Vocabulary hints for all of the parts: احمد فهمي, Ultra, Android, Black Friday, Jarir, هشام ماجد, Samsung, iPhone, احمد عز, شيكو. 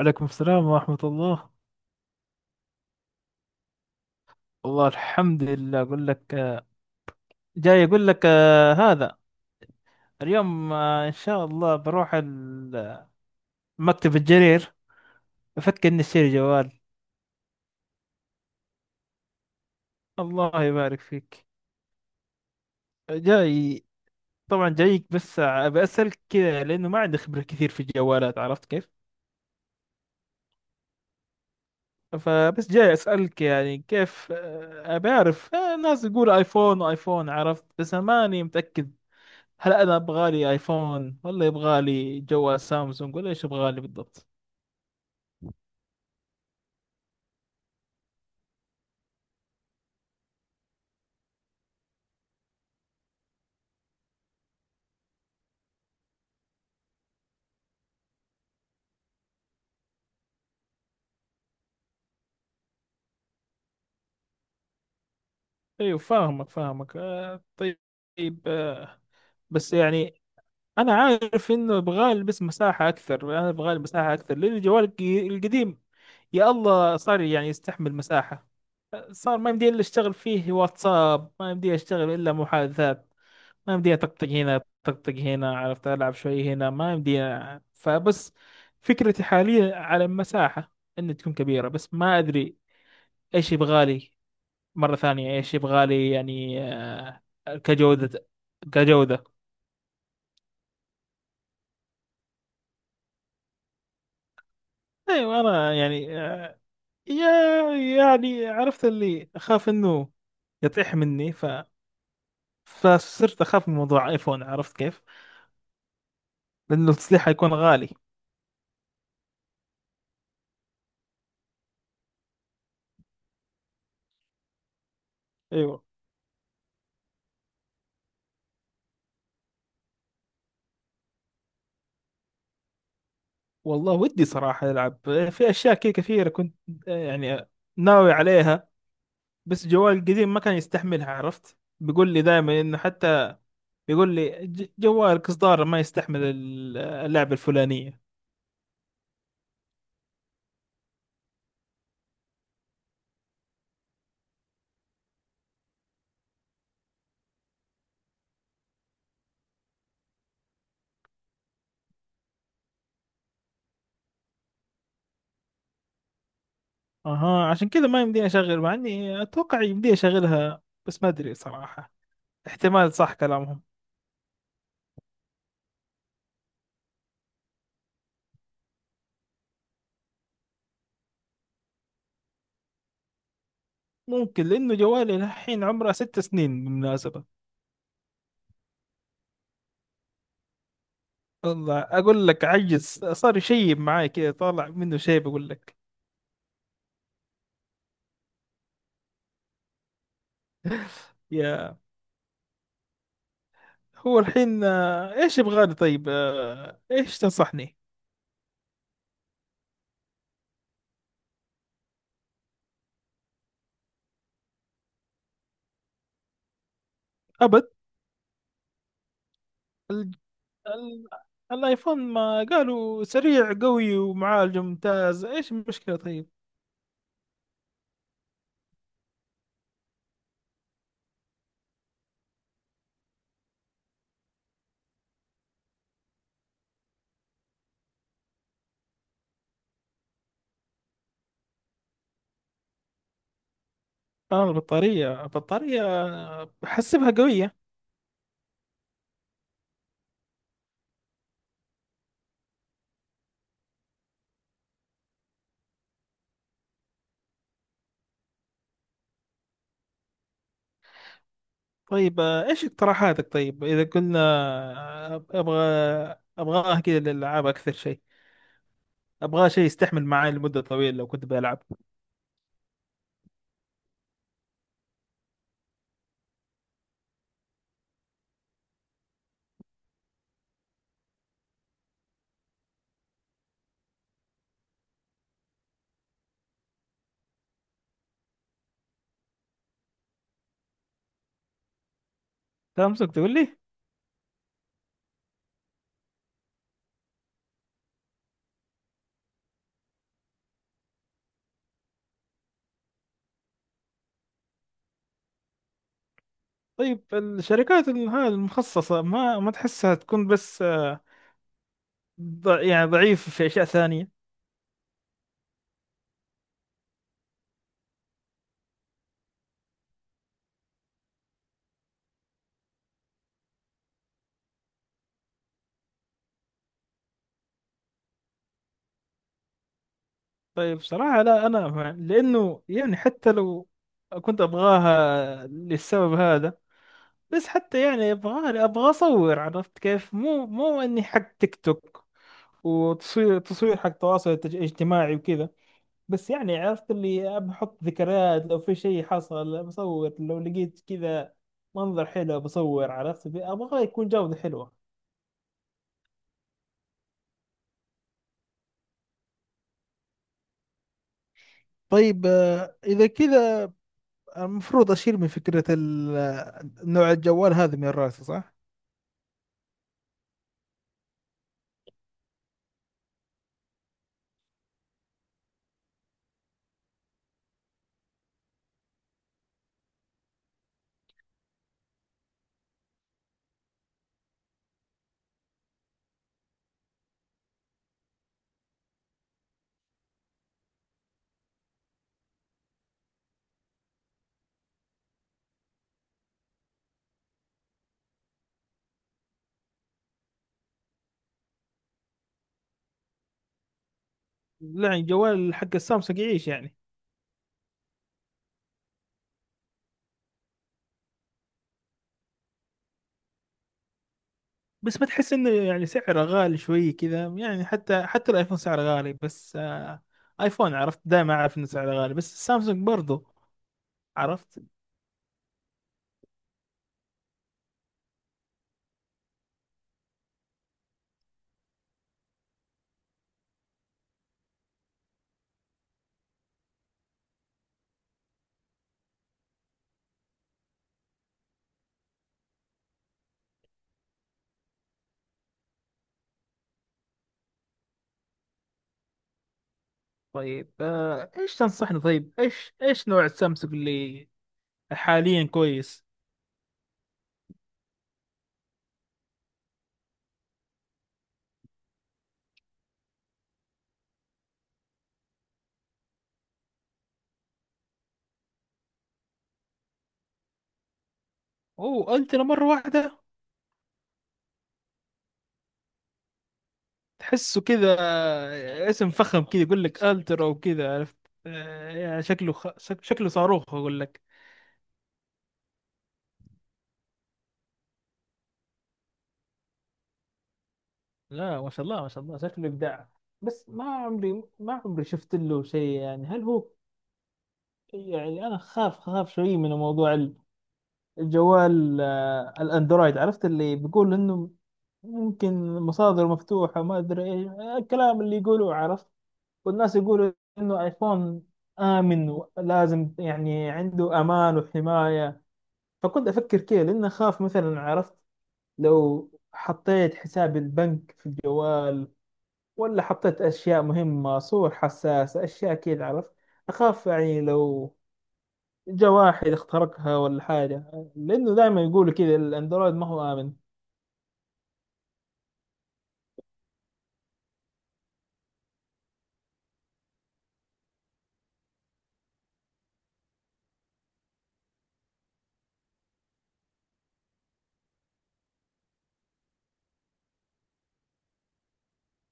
عليكم السلام ورحمة الله. والله الحمد لله. أقول لك جاي أقول لك، هذا اليوم إن شاء الله بروح مكتب الجرير. أفكر إني أشتري جوال. الله يبارك فيك. جاي، طبعا جايك، بس أبي أسألك كذا لأنه ما عندي خبرة كثير في الجوالات، عرفت كيف. فبس جاي أسألك، يعني كيف، أبي أعرف، الناس يقول آيفون آيفون عرفت، بس أنا ماني متأكد. هل انا ابغى لي ايفون، ولا يبغى لي جوال سامسونج، ولا ايش يبغى لي بالضبط؟ ايوه، فاهمك فاهمك، آه طيب آه. بس يعني انا عارف انه يبغى لي بس مساحه اكثر. انا يبغى لي مساحه اكثر، لان الجوال القديم يا الله صار يعني يستحمل مساحه. صار ما يمدي الا اشتغل فيه واتساب، ما يمدي اشتغل الا محادثات. ما يمديها طقطق هنا طقطق هنا، عرفت، ألعب شوي هنا ما يمديها. فبس فكرتي حاليا على المساحة، إن تكون كبيرة. بس ما أدري إيش يبغالي مرة ثانية، إيش يبغالي يعني كجودة، كجودة. أيوة، أنا يعني يا يعني عرفت اللي أخاف إنه يطيح مني، ف فصرت أخاف من موضوع آيفون، عرفت كيف؟ لأنه التصليح حيكون غالي. أيوة. والله ودي صراحة ألعب في أشياء كثيرة. كنت يعني ناوي عليها، بس جوالي القديم ما كان يستحملها، عرفت، بيقول لي دائما إنه حتى بيقول لي جوالك إصدار ما يستحمل اللعبة الفلانية. أها، عشان كذا ما يمديني أشغل. مع إني أتوقع يمديني أشغلها، بس ما أدري صراحة. احتمال صح كلامهم. ممكن، لأنه جوالي الحين عمره 6 سنين بالمناسبة. والله أقول لك عجز، صار شيب معاي كذا، طالع منه شيب أقول لك. يا، هو الحين ايش يبغى لي طيب، ايش تنصحني؟ ابد. ال... ال... الايفون ما قالوا سريع قوي ومعالج ممتاز، ايش المشكلة طيب؟ انا البطارية، البطارية بحسبها قوية. طيب ايش اقتراحاتك؟ طيب اذا قلنا ابغى، ابغاه كذا للالعاب اكثر شيء، ابغاه شيء يستحمل معي لمدة طويلة لو كنت بلعب. سامسونج تقول لي. طيب الشركات هذه المخصصة ما تحسها تكون بس يعني ضعيف في اشياء ثانيه؟ طيب صراحه، لا انا لانه يعني حتى لو كنت ابغاها للسبب هذا، بس حتى يعني ابغى اصور، عرفت كيف، مو اني حق تيك توك، تصوير حق تواصل اجتماعي وكذا. بس يعني عرفت اللي بحط ذكريات، لو في شيء حصل بصور، لو لقيت كذا منظر حلو بصور، عرفت، ابغى يكون جودة حلوة. طيب إذا كذا المفروض اشيل من فكرة نوع الجوال هذا من راسي، صح؟ لا، يعني جوال حق السامسونج يعيش يعني؟ بس ما تحس انه يعني سعره غالي شوي كذا؟ يعني حتى الايفون سعره غالي، بس آه، ايفون عرفت دائما اعرف انه سعره غالي، بس السامسونج برضو، عرفت. طيب آه، ايش تنصحني؟ طيب ايش نوع السامسونج اللي حاليا كويس؟ اوه، الترا مرة واحدة. تحسه كذا اسم فخم كذا، يقول لك الترا وكذا، عرفت. يا، شكله شكله صاروخ، اقول لك. لا، ما شاء الله، ما شاء الله، شكله ابداع. بس ما عمري، ما عمري شفت له شيء. يعني هل هو، يعني انا خاف شوي من موضوع الجوال، الاندرويد، عرفت اللي بيقول انه ممكن مصادر مفتوحة، ما ادري ايش الكلام اللي يقولوه، عرفت. والناس يقولوا انه ايفون آمن، لازم يعني عنده أمان وحماية. فكنت أفكر كذا، لأن أخاف مثلا، عرفت، لو حطيت حساب البنك في الجوال، ولا حطيت أشياء مهمة، صور حساسة، أشياء كذا، عرفت. أخاف يعني لو جا واحد اخترقها ولا حاجة، لأنه دائما يقولوا كذا الأندرويد ما هو آمن.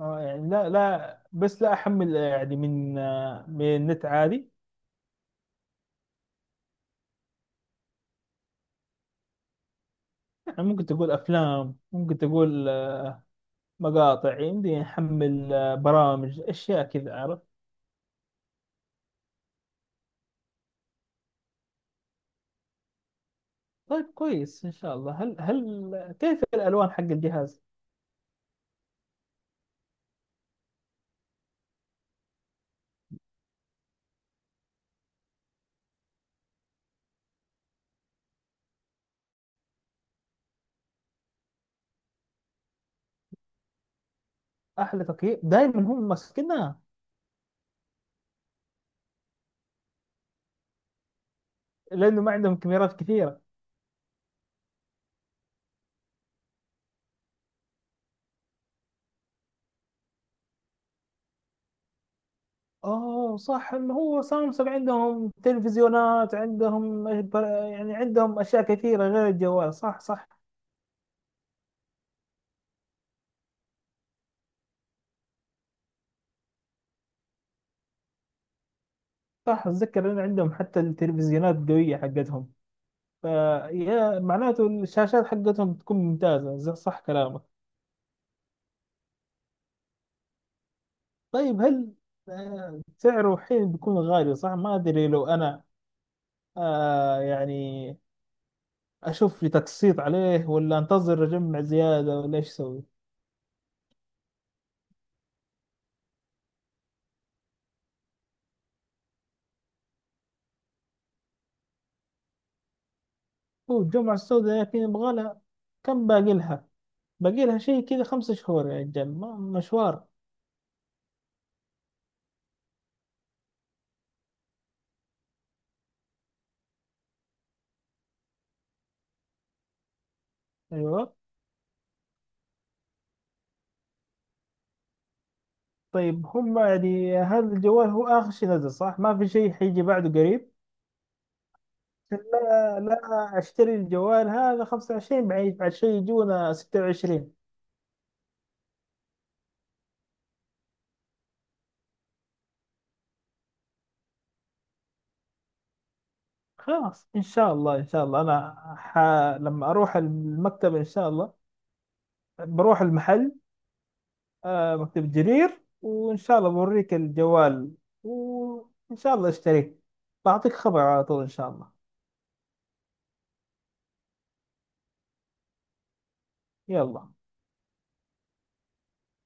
يعني لا لا، بس لا أحمل يعني من من النت عادي. يعني ممكن تقول أفلام، ممكن تقول مقاطع، يمديني أحمل برامج، أشياء كذا، عرفت. طيب كويس ان شاء الله. هل كيف الالوان حق الجهاز؟ احلى تقييم دائما هم ماسكينها، لانه ما عندهم كاميرات كثيره؟ اوه صح، ما هو سامسونج عندهم تلفزيونات، عندهم إيه يعني عندهم اشياء كثيره غير الجوال، صح صح. صح، اتذكر ان عندهم حتى التلفزيونات قويه حقتهم، فيا معناته الشاشات حقتهم تكون ممتازه، صح كلامك. طيب هل سعره حين بيكون غالي صح؟ ما ادري لو انا آه يعني اشوف لي تقسيط عليه، ولا انتظر اجمع زياده، ولا ايش اسوي؟ هو الجمعه السوداء لكن يبغى لها، كم باقي لها؟ باقي لها شيء كذا 5 شهور، يا رجال، مشوار. ايوه. طيب هم يعني هذا الجوال هو اخر شيء نزل، صح؟ ما في شيء حيجي بعده قريب؟ لا لا، اشتري الجوال هذا 25 بعد، بعد شيء يجونا 26. خلاص ان شاء الله، ان شاء الله، انا لما اروح المكتب ان شاء الله بروح المحل، آه، مكتبة جرير، وإن شاء الله بوريك الجوال، وإن شاء الله اشتريت بعطيك خبر على طول إن شاء الله. يلا